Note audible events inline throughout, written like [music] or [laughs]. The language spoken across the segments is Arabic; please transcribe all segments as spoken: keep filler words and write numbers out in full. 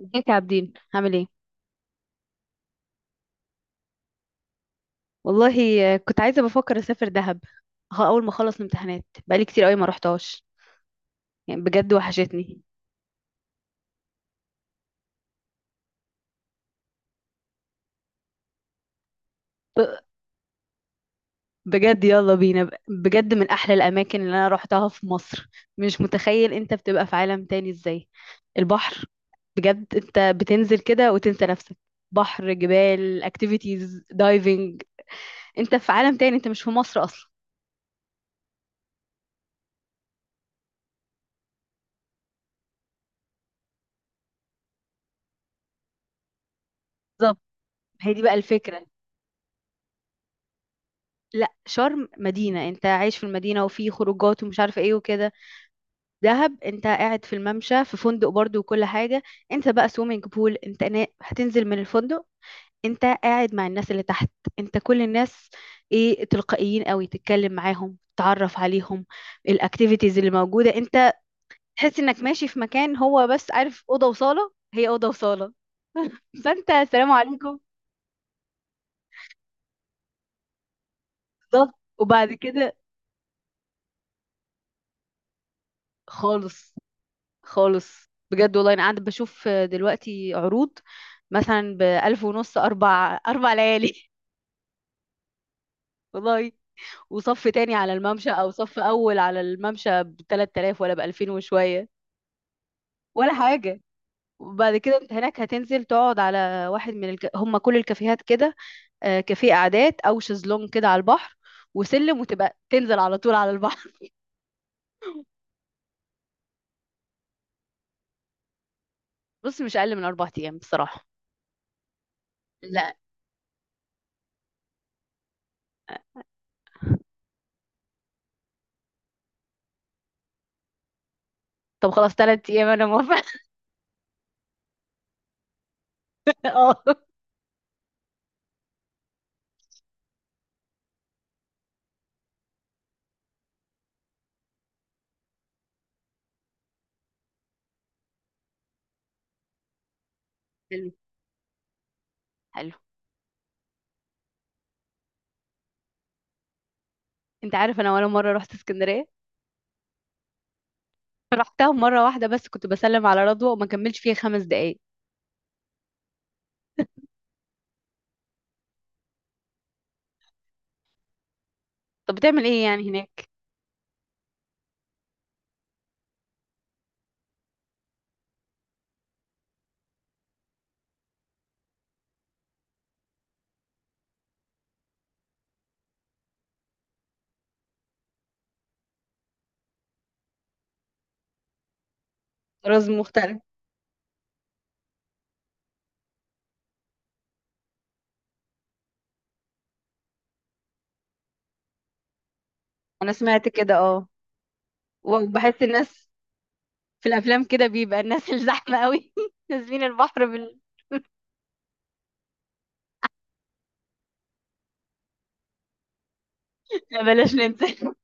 ازيك يا عابدين، عامل ايه؟ والله، آه، كنت عايزه، بفكر اسافر دهب. ها، اول ما اخلص الامتحانات بقالي كتير قوي ما روحتهاش. يعني بجد وحشتني. ب- بجد يلا بينا، ب- بجد من احلى الاماكن اللي انا روحتها في مصر. مش متخيل انت بتبقى في عالم تاني ازاي. البحر. بجد انت بتنزل كده وتنسى نفسك. بحر، جبال، اكتيفيتيز، دايفنج. انت في عالم تاني، انت مش في مصر اصلا. بالظبط. هي دي بقى الفكره. لا، شرم مدينه، انت عايش في المدينه وفي خروجات ومش عارفه ايه وكده. دهب انت قاعد في الممشى في فندق برضو وكل حاجة. انت بقى سويمنج بول، انت نا... هتنزل من الفندق. انت قاعد مع الناس اللي تحت. انت كل الناس. ايه، تلقائيين قوي، تتكلم معاهم، تعرف عليهم. الاكتيفيتيز اللي موجودة، انت تحس انك ماشي في مكان، هو بس عارف أوضة وصالة، هي أوضة وصالة. فانت السلام عليكم. بالظبط، وبعد كده. خالص. خالص بجد، والله انا قاعدة بشوف دلوقتي عروض. مثلا بألف ونص، أربع أربع ليالي. [laughs] والله. وصف تاني على الممشى او صف اول على الممشى ب تلات آلاف ولا ب ألفين وشويه. ولا حاجه. وبعد كده انت هناك هتنزل تقعد على واحد من الك... هم، كل الكافيهات كده. آه، كافيه قعدات او شезлونج كده على البحر. وسلم وتبقى تنزل على طول على البحر. [laughs] بص مش اقل من اربع ايام بصراحه. لا. طب خلاص، تلات ايام انا موافقه. [laughs] اه. حلو. حلو. انت عارف، انا ولا مره رحت اسكندريه. رحتها مره واحده، بس كنت بسلم على رضوى وما كملش فيها خمس دقايق. طب بتعمل ايه يعني هناك؟ طراز مختلف. انا سمعت كده، اه. وبحس الناس في الافلام كده بيبقى الناس الزحمه قوي، [laughs] نازلين البحر بال... لا، بلاش ننزل.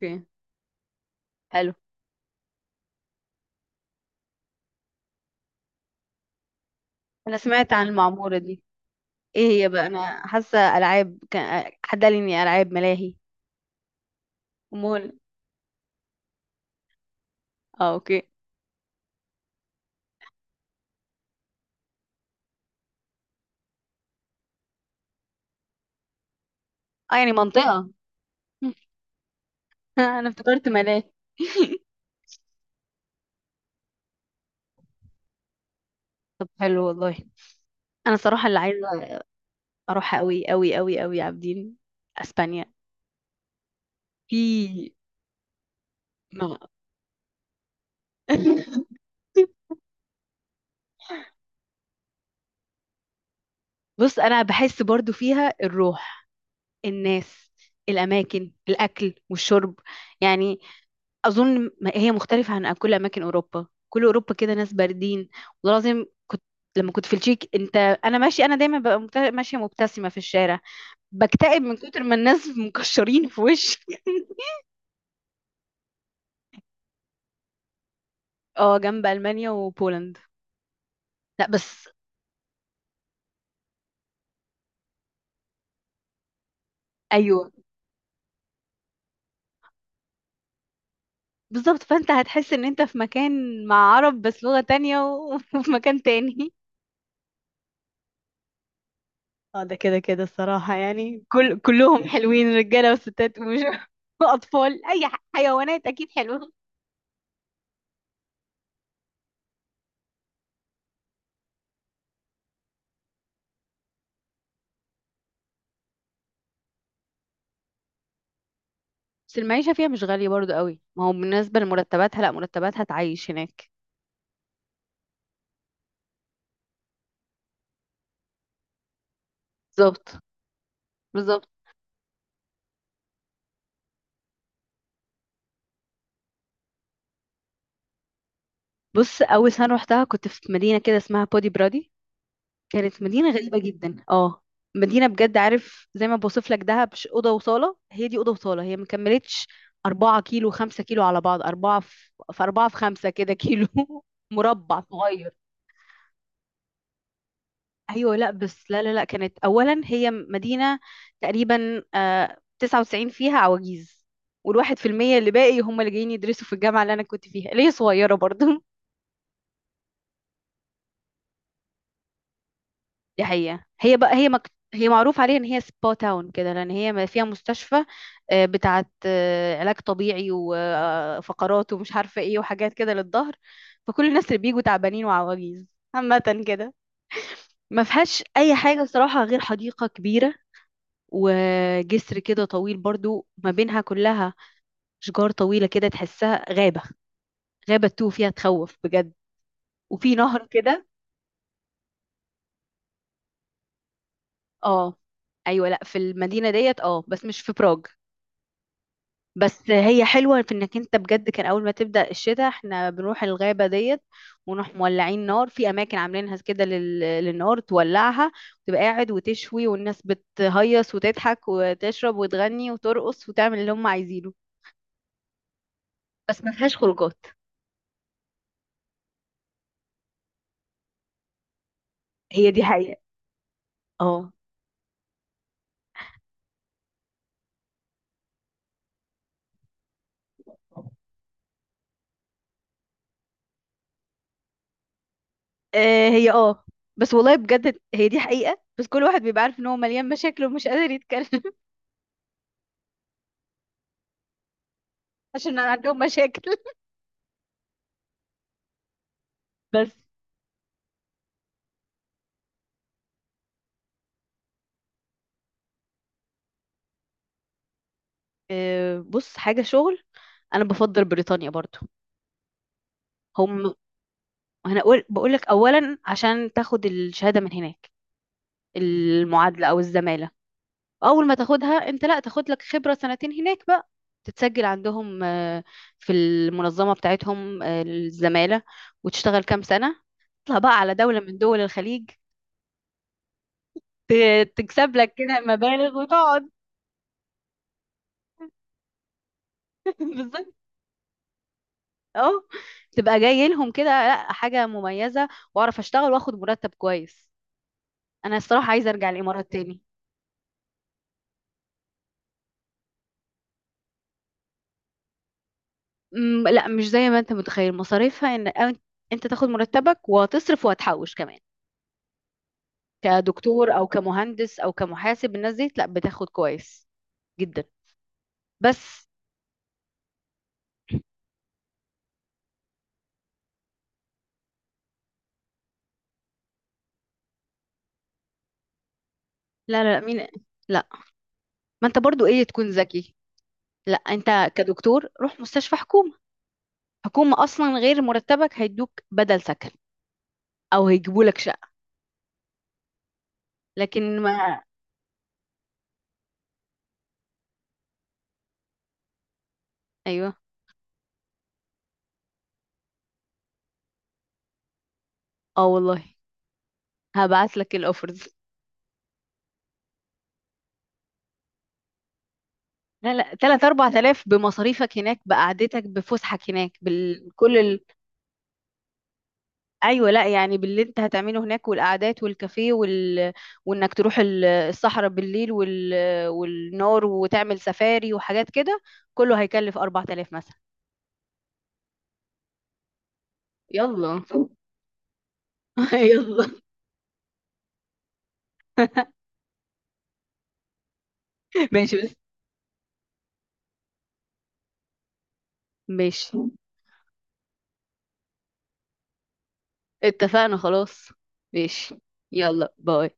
اوكي. حلو. انا سمعت عن المعموره دي. ايه هي بقى؟ انا حاسه العاب، كان حد قال لي اني العاب ملاهي. مول. اه، اوكي. اه، يعني منطقه. [laughs] انا افتكرت ملاهي. طب حلو والله. انا صراحه اللي عايزه اروح قوي قوي قوي قوي، عابدين، اسبانيا. في. [laughs] نعم. بص، انا بحس برضو فيها الروح، الناس، الأماكن، الأكل والشرب، يعني. أظن ما- هي مختلفة عن كل أماكن أوروبا، كل أوروبا كده ناس باردين. وده لازم كنت. لما كنت في التشيك، أنت. أنا ماشي، أنا دايما ببقى مبت- ماشية مبتسمة في الشارع. بكتئب من كتر ما الناس [laughs] مكشرين في وشي. [laughs] اه، جنب ألمانيا وبولند. لا بس. أيوه. بالظبط، فأنت هتحس إن أنت في مكان مع عرب بس لغة تانية، و- [laughs] وفي مكان تاني. اه، ده كده كده الصراحة، يعني كل كلهم حلوين، رجالة وستات ومش [laughs] وأطفال، أي ح- حيوانات أكيد حلوة. بس المعيشة فيها مش غالية برضو قوي، ما هو بالنسبة لمرتباتها، لا مرتباتها تعيش هناك. بالظبط. بالظبط. بص، أول سنة روحتها كنت في مدينة كده اسمها بودي برادي. كانت مدينة غريبة جدا، اه. مدينة بجد، عارف، زي ما بوصف لك دهب، ش- أوضة وصالة، هي دي أوضة وصالة هي مكملتش. أربعة كيلو، خمسة كيلو على بعض، أربعة في في أربعة في خمسة كده كيلو. [laughs] مربع صغير. ايوه، لا بس، لا لا لا، كانت اولا هي مدينه تقريبا آه تسعة وتسعين فيها عواجيز. والواحد في المية اللي باقي هم اللي جايين يدرسوا في الجامعه اللي انا كنت فيها، اللي هي صغيره برضه. [laughs] دي حقيقه، هي بقى، هي مك... هي معروف عليها ان هي سبا تاون كده، لان هي ما فيها مستشفى، آه، بتاعت آه، علاج طبيعي وفقرات ومش عارفه ايه وحاجات كده للظهر. فكل الناس اللي بيجوا تعبانين وعواجيز. عامه كده. ما فيهاش اي حاجه صراحه غير حديقه كبيره، وجسر كده طويل برضو ما بينها كلها، شجار طويلة كده تحسها غابة. غابة تو فيها، تخوف بجد. وفي نهر كده. اه. ايوه، لا في المدينة ديت، اه، بس مش في براغ. بس هي حلوة في انك انت بجد كان اول ما تبدأ الشتاء احنا بنروح الغابة ديت. ونروح مولعين نار في اماكن عاملينها كده لل... للنار تولعها. وتبقى قاعد وتشوي والناس بتهيص وتضحك وتشرب وتغني وترقص وتعمل اللي هم عايزينه. بس ما فيهاش خروجات. هي دي حقيقة. اه. آه هي اه. بس والله بجد هي دي حقيقة، بس كل واحد بيبقى عارف ان هو مليان مشاكل ومش قادر يتكلم. [laughs] عشان عندهم مشاكل. بس. آه بص، حاجة شغل، انا بفضل بريطانيا برضو. هم انا اقول بقول لك اولا عشان تاخد الشهادة من هناك، المعادلة او الزمالة. اول ما تاخدها انت، لا تاخد لك خبرة سنتين هناك بقى. تتسجل عندهم، آه، في المنظمة بتاعتهم، آه، الزمالة. وتشتغل كام سنة. تطلع بقى على دولة من دول الخليج. ت- تكسب لك كده مبالغ وتقعد. [laughs] بالظبط. اه. تبقى جاي لهم كده، لا حاجة مميزة، واعرف اشتغل واخد مرتب كويس. انا الصراحة عايزة ارجع الامارات تاني. أمم، لا، مش زي ما انت متخيل مصاريفها، ان أن- انت تاخد مرتبك وتصرف وهتحوش كمان. كدكتور او كمهندس او كمحاسب، الناس دي لا بتاخد كويس جدا. بس. لا، لا لا، مين؟ لا. ما انت برضو ايه، تكون ذكي. لا انت كدكتور، روح مستشفى حكومة. حكومة اصلا غير مرتبك هيدوك بدل سكن، او هيجيبوا لك شقة. لكن ما. ايوه، اه والله، هبعت لك الاوفرز. لا لا، ثلاثة اربعة آلاف بمصاريفك هناك، بقعدتك، بفسحك هناك، بكل ال... ايوه. لا يعني باللي انت هتعمله هناك، والقعدات والكافيه وال... وانك تروح ال- الصحراء بالليل وال... والنار وتعمل سفاري وحاجات كده. كله هيكلف اربعة آلاف مثلا. يلا. [laughs] يلا. [laughs] ماشي بس. ماشي. اتفقنا خلاص. ماشي. يلا، باي.